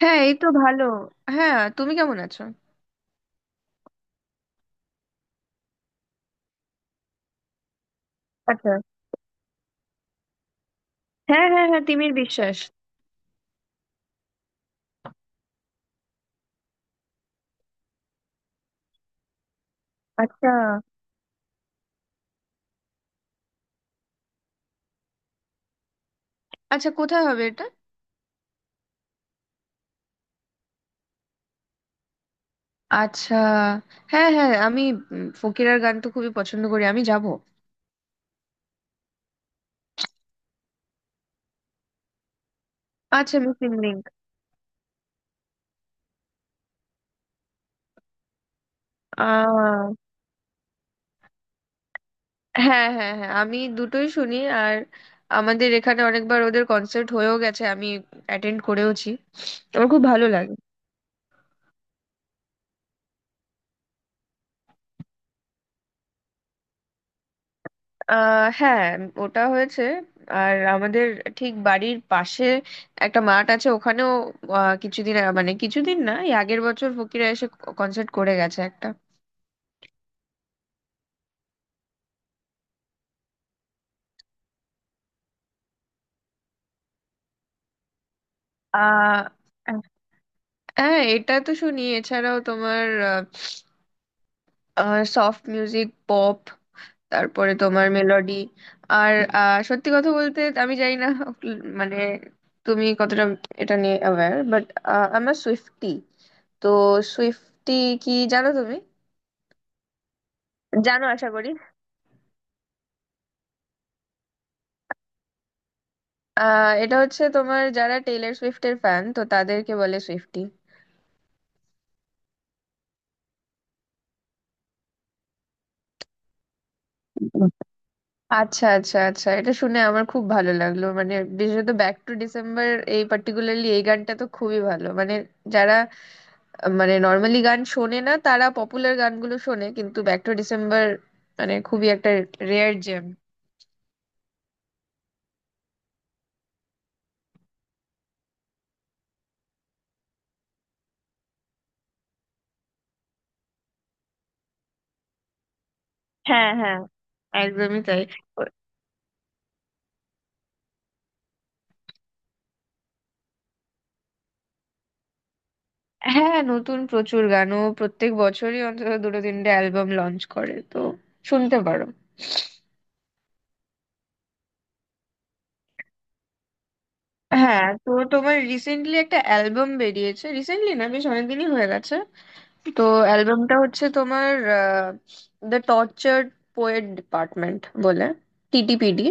হ্যাঁ, এই তো ভালো। হ্যাঁ, তুমি কেমন আছো? আচ্ছা। হ্যাঁ হ্যাঁ হ্যাঁ তিমির বিশ্বাস। আচ্ছা। আচ্ছা, কোথায় হবে এটা? আচ্ছা। হ্যাঁ হ্যাঁ আমি ফকিরার গান তো খুবই পছন্দ করি, আমি যাব। আচ্ছা, মিসিং লিঙ্ক। আহ হ্যাঁ হ্যাঁ হ্যাঁ আমি দুটোই শুনি। আর আমাদের এখানে অনেকবার ওদের কনসার্ট হয়েও গেছে, আমি অ্যাটেন্ড করেওছি। আমার খুব ভালো লাগে। হ্যাঁ, ওটা হয়েছে। আর আমাদের ঠিক বাড়ির পাশে একটা মাঠ আছে, ওখানেও কিছুদিন মানে কিছুদিন না, এই আগের বছর ফকিরা এসে কনসার্ট করে গেছে একটা। আহ হ্যাঁ, এটা তো শুনি। এছাড়াও তোমার সফট মিউজিক, পপ, তারপরে তোমার মেলোডি। আর সত্যি কথা বলতে আমি জানি না মানে তুমি কতটা এটা নিয়ে অ্যাওয়্যার, বাট আমার সুইফটি, তো সুইফটি কি জানো তুমি? জানো আশা করি। এটা হচ্ছে তোমার, যারা টেইলর সুইফটের ফ্যান তো তাদেরকে বলে সুইফটি। আচ্ছা আচ্ছা আচ্ছা এটা শুনে আমার খুব ভালো লাগলো, মানে বিশেষত ব্যাক টু ডিসেম্বর, এই পার্টিকুলারলি এই গানটা তো খুবই ভালো। মানে যারা মানে নর্মালি গান শোনে না, তারা পপুলার গানগুলো শোনে, কিন্তু ব্যাক টু ডিসেম্বর মানে খুবই একটা রেয়ার জেম। হ্যাঁ হ্যাঁ একদমই তাই। ও- হ্যাঁ, নতুন প্রচুর গানও প্রত্যেক বছরই অন্তত দুটো তিনটে অ্যালবাম লঞ্চ করে, তো শুনতে পারো। হ্যাঁ, তো তোমার রিসেন্টলি একটা অ্যালবাম বেরিয়েছে, রিসেন্টলি না, বেশ অনেকদিনই হয়ে গেছে। তো অ্যালবামটা হচ্ছে তোমার দ্য টর্চার্ড পোয়েট ডিপার্টমেন্ট বলে, টিটিপিডি।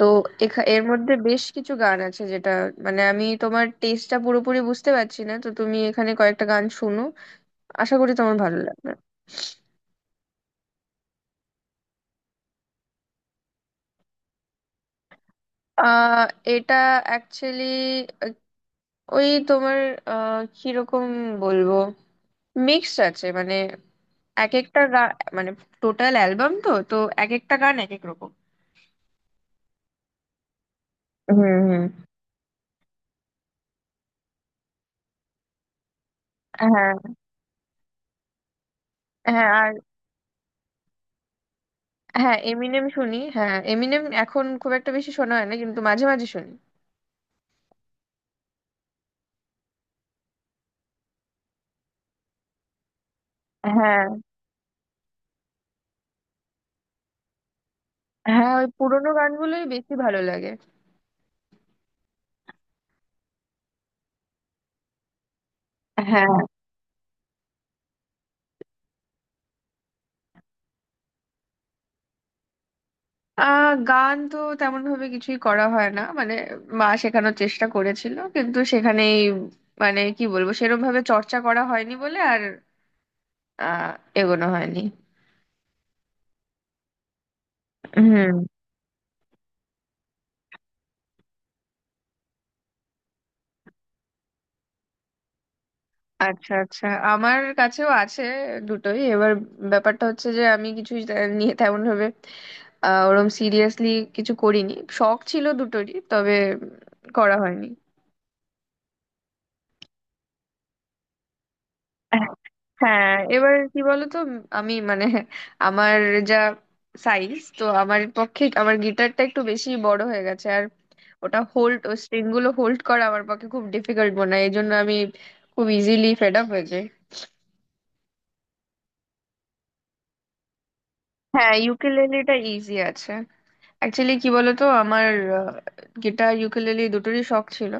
তো এর মধ্যে বেশ কিছু গান আছে, যেটা মানে আমি তোমার টেস্টটা পুরোপুরি বুঝতে পারছি না, তো তুমি এখানে কয়েকটা গান শুনো, আশা করি তোমার ভালো লাগবে। আহ এটা অ্যাকচুয়ালি ওই তোমার, কিরকম বলবো, মিক্সড আছে মানে এক একটা গান, মানে টোটাল অ্যালবাম তো তো এক একটা গান এক এক রকম। হুম হুম হ্যাঁ হ্যাঁ আর হ্যাঁ, এমিনেম শুনি। হ্যাঁ, এমিনেম এখন খুব একটা বেশি শোনা হয় না, কিন্তু মাঝে মাঝে শুনি। হ্যাঁ। হ্যাঁ, ওই পুরোনো গানগুলোই বেশি ভালো লাগে। হ্যাঁ। গান তো তেমন ভাবে কিছুই করা হয় না মানে, মা শেখানোর চেষ্টা করেছিল কিন্তু সেখানেই, মানে কি বলবো, সেরম ভাবে চর্চা করা হয়নি বলে আর আহ এগোনো হয়নি। হুম। আচ্ছা আচ্ছা। আমার কাছেও আছে দুটোই। এবার ব্যাপারটা হচ্ছে যে আমি নিয়ে তেমন ভাবে ওরম সিরিয়াসলি কিছু করিনি। শখ ছিল দুটোরই, তবে করা হয়নি। হ্যাঁ, এবার কি বলতো, আমি মানে আমার যা সাইজ তো আমার পক্ষে আমার গিটারটা একটু বেশি বড় হয়ে গেছে। আর ওটা হোল্ড ও স্ট্রিং গুলো হোল্ড করা আমার পক্ষে খুব ডিফিকাল্ট মনে হয়, এই জন্য আমি খুব ইজিলি ফেড আপ হয়ে যাই। হ্যাঁ, ইউকেলেলেটা ইজি আছে। অ্যাকচুয়ালি কি বলতো, আমার গিটার ইউকেলেলে দুটোরই শখ ছিল।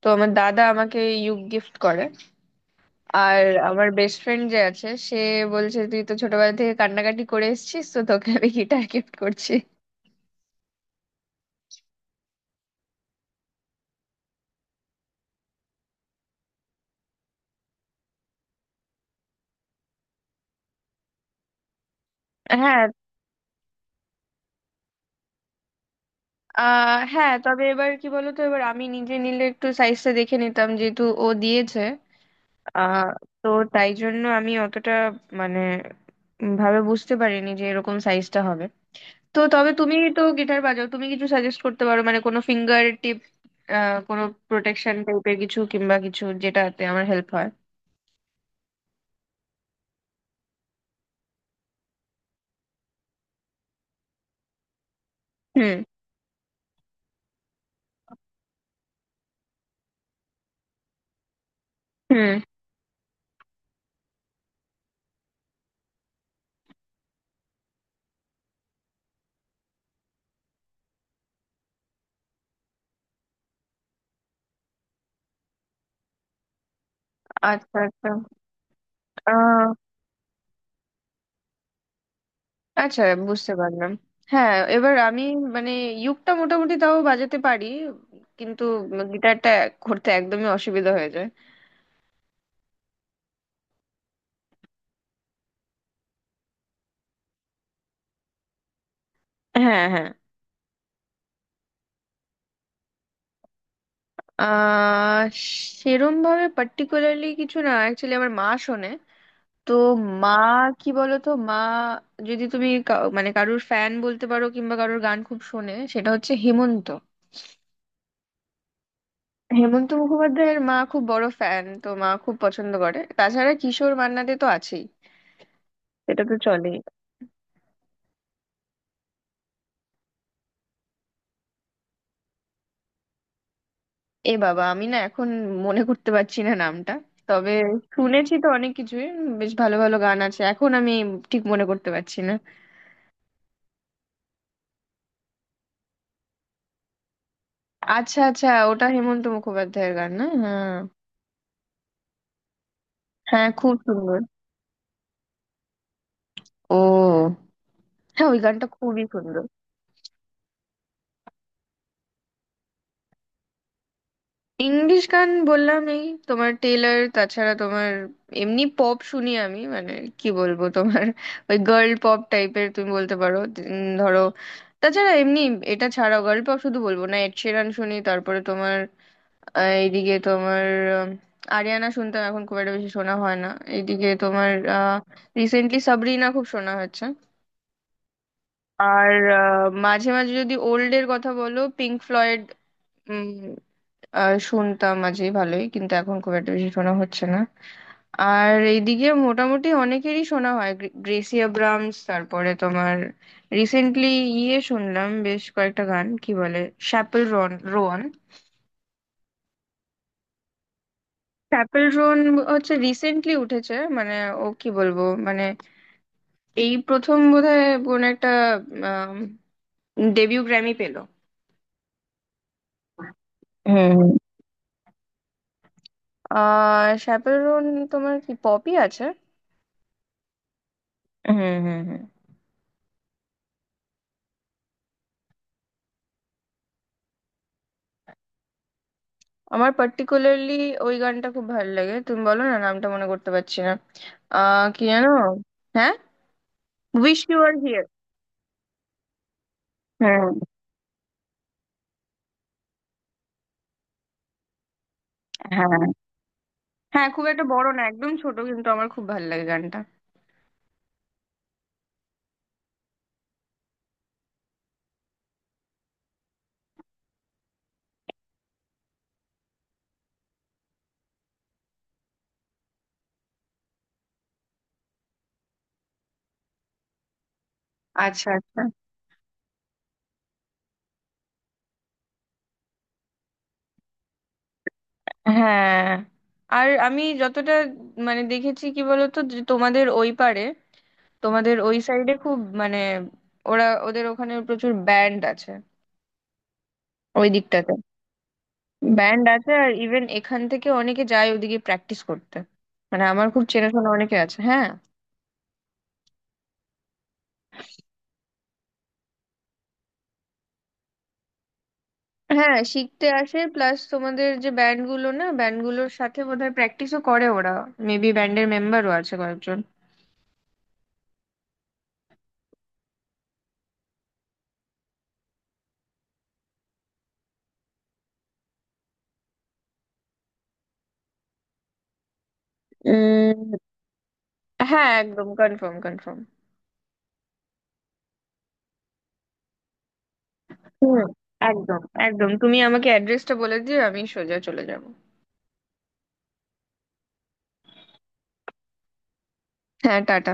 তো আমার দাদা আমাকে ইউক গিফট করে। আর আমার বেস্ট ফ্রেন্ড যে আছে, সে বলছে তুই তো ছোটবেলা থেকে কান্নাকাটি করে এসেছিস, তো তোকে আমি গিটার গিফট করছি। হ্যাঁ। হ্যাঁ, তবে এবার কি বলতো, এবার আমি নিজে নিলে একটু সাইজটা দেখে নিতাম, যেহেতু ও দিয়েছে। আহ তো তাই জন্য আমি অতটা মানে ভাবে বুঝতে পারিনি যে এরকম সাইজটা হবে। তো তবে তুমি তো গিটার বাজাও, তুমি কিছু সাজেস্ট করতে পারো মানে কোনো ফিঙ্গার টিপ, কোনো প্রোটেকশন টাইপের কিছু, কিংবা কিছু যেটাতে আমার হেল্প হয়। হুম হুম আচ্ছা আচ্ছা আহ আচ্ছা, বুঝতে পারলাম। হ্যাঁ, এবার আমি মানে ইউকটা মোটামুটি তাও বাজাতে পারি, কিন্তু গিটারটা করতে একদমই অসুবিধা হয়ে যায়। হ্যাঁ। হ্যাঁ। আহ সেরম ভাবে পার্টিকুলারলি কিছু না, অ্যাকচুয়ালি আমার মা শোনে। তো মা, কি বলতো, মা যদি তুমি মানে কারোর ফ্যান বলতে পারো কিংবা কারোর গান খুব শোনে, সেটা হচ্ছে হেমন্ত। হেমন্ত মুখোপাধ্যায়ের মা খুব বড় ফ্যান, তো মা খুব পছন্দ করে। তাছাড়া কিশোর, মান্নাদে তো আছেই, সেটা তো চলেই। এ বাবা, আমি না এখন মনে করতে পারছি না নামটা। তবে শুনেছি তো অনেক কিছুই, বেশ ভালো ভালো গান আছে, এখন আমি ঠিক মনে করতে পারছি না। আচ্ছা আচ্ছা, ওটা হেমন্ত মুখোপাধ্যায়ের গান না? হ্যাঁ। হ্যাঁ, খুব সুন্দর। ও। হ্যাঁ, ওই গানটা খুবই সুন্দর। ইংলিশ গান বললাম এই, তোমার টেইলার, তাছাড়া তোমার এমনি পপ শুনি আমি, মানে কি বলবো, তোমার ওই গার্ল পপ টাইপের তুমি বলতে পারো, ধরো। তাছাড়া এমনি, এটা ছাড়াও গার্ল পপ শুধু বলবো না, এড শিরান শুনি, তারপরে তোমার এইদিকে তোমার উম, আরিয়ানা শুনতাম, এখন খুব একটা বেশি শোনা হয় না। এইদিকে তোমার আহ রিসেন্টলি সাবরিনা খুব শোনা হচ্ছে। আর মাঝে মাঝে যদি ওল্ড এর কথা বলো, পিঙ্ক ফ্লয়েড শুনতাম মাঝে, ভালোই, কিন্তু এখন খুব একটা বেশি শোনা হচ্ছে না। আর এইদিকে মোটামুটি অনেকেরই শোনা হয় গ্রেসি আব্রামস, তারপরে তোমার রিসেন্টলি ইয়ে শুনলাম বেশ কয়েকটা গান, কি বলে, Chappell Roan Roan. Chappell Roan হচ্ছে রিসেন্টলি উঠেছে, মানে ও কি বলবো মানে, এই প্রথম বোধহয় কোন একটা ডেবিউ গ্র্যামি পেলো। হুম হুম। শ্যাপেল রোন, তোমার কি পপি আছে? হুম হুম হুম আমার পার্টিকুলারলি ওই গানটা খুব ভালো লাগে, তুমি বলো না, নামটা মনে করতে পারছি না। কি জানো, হ্যাঁ, উইশ ইউ আর হিয়ার। হ্যাঁ। হ্যাঁ হ্যাঁ, খুব একটা বড় না, একদম ছোট, কিন্তু আমার খুব ভালো লাগে গানটা। আচ্ছা আচ্ছা। হ্যাঁ, আর আমি যতটা মানে দেখেছি, কি বলতো, যে তোমাদের ওই পারে, তোমাদের ওই সাইডে খুব মানে, ওরা ওদের ওখানে প্রচুর ব্যান্ড আছে, ওই দিকটাতে ব্যান্ড আছে। আর ইভেন এখান থেকে অনেকে যায় ওদিকে প্র্যাকটিস করতে, মানে আমার খুব চেনাশোনা অনেকে আছে। হ্যাঁ। হ্যাঁ, শিখতে আসে, প্লাস তোমাদের যে ব্যান্ড গুলো না, ব্যান্ড গুলোর সাথে বোধহয় প্র্যাকটিসও করে ওরা, মেবি ব্যান্ডের মেম্বারও আছে কয়েকজন। উম, হ্যাঁ, একদম কনফার্ম কনফার্ম। হুম, একদম একদম, তুমি আমাকে অ্যাড্রেসটা বলে দিও, আমি সোজা চলে যাব। হ্যাঁ, টাটা।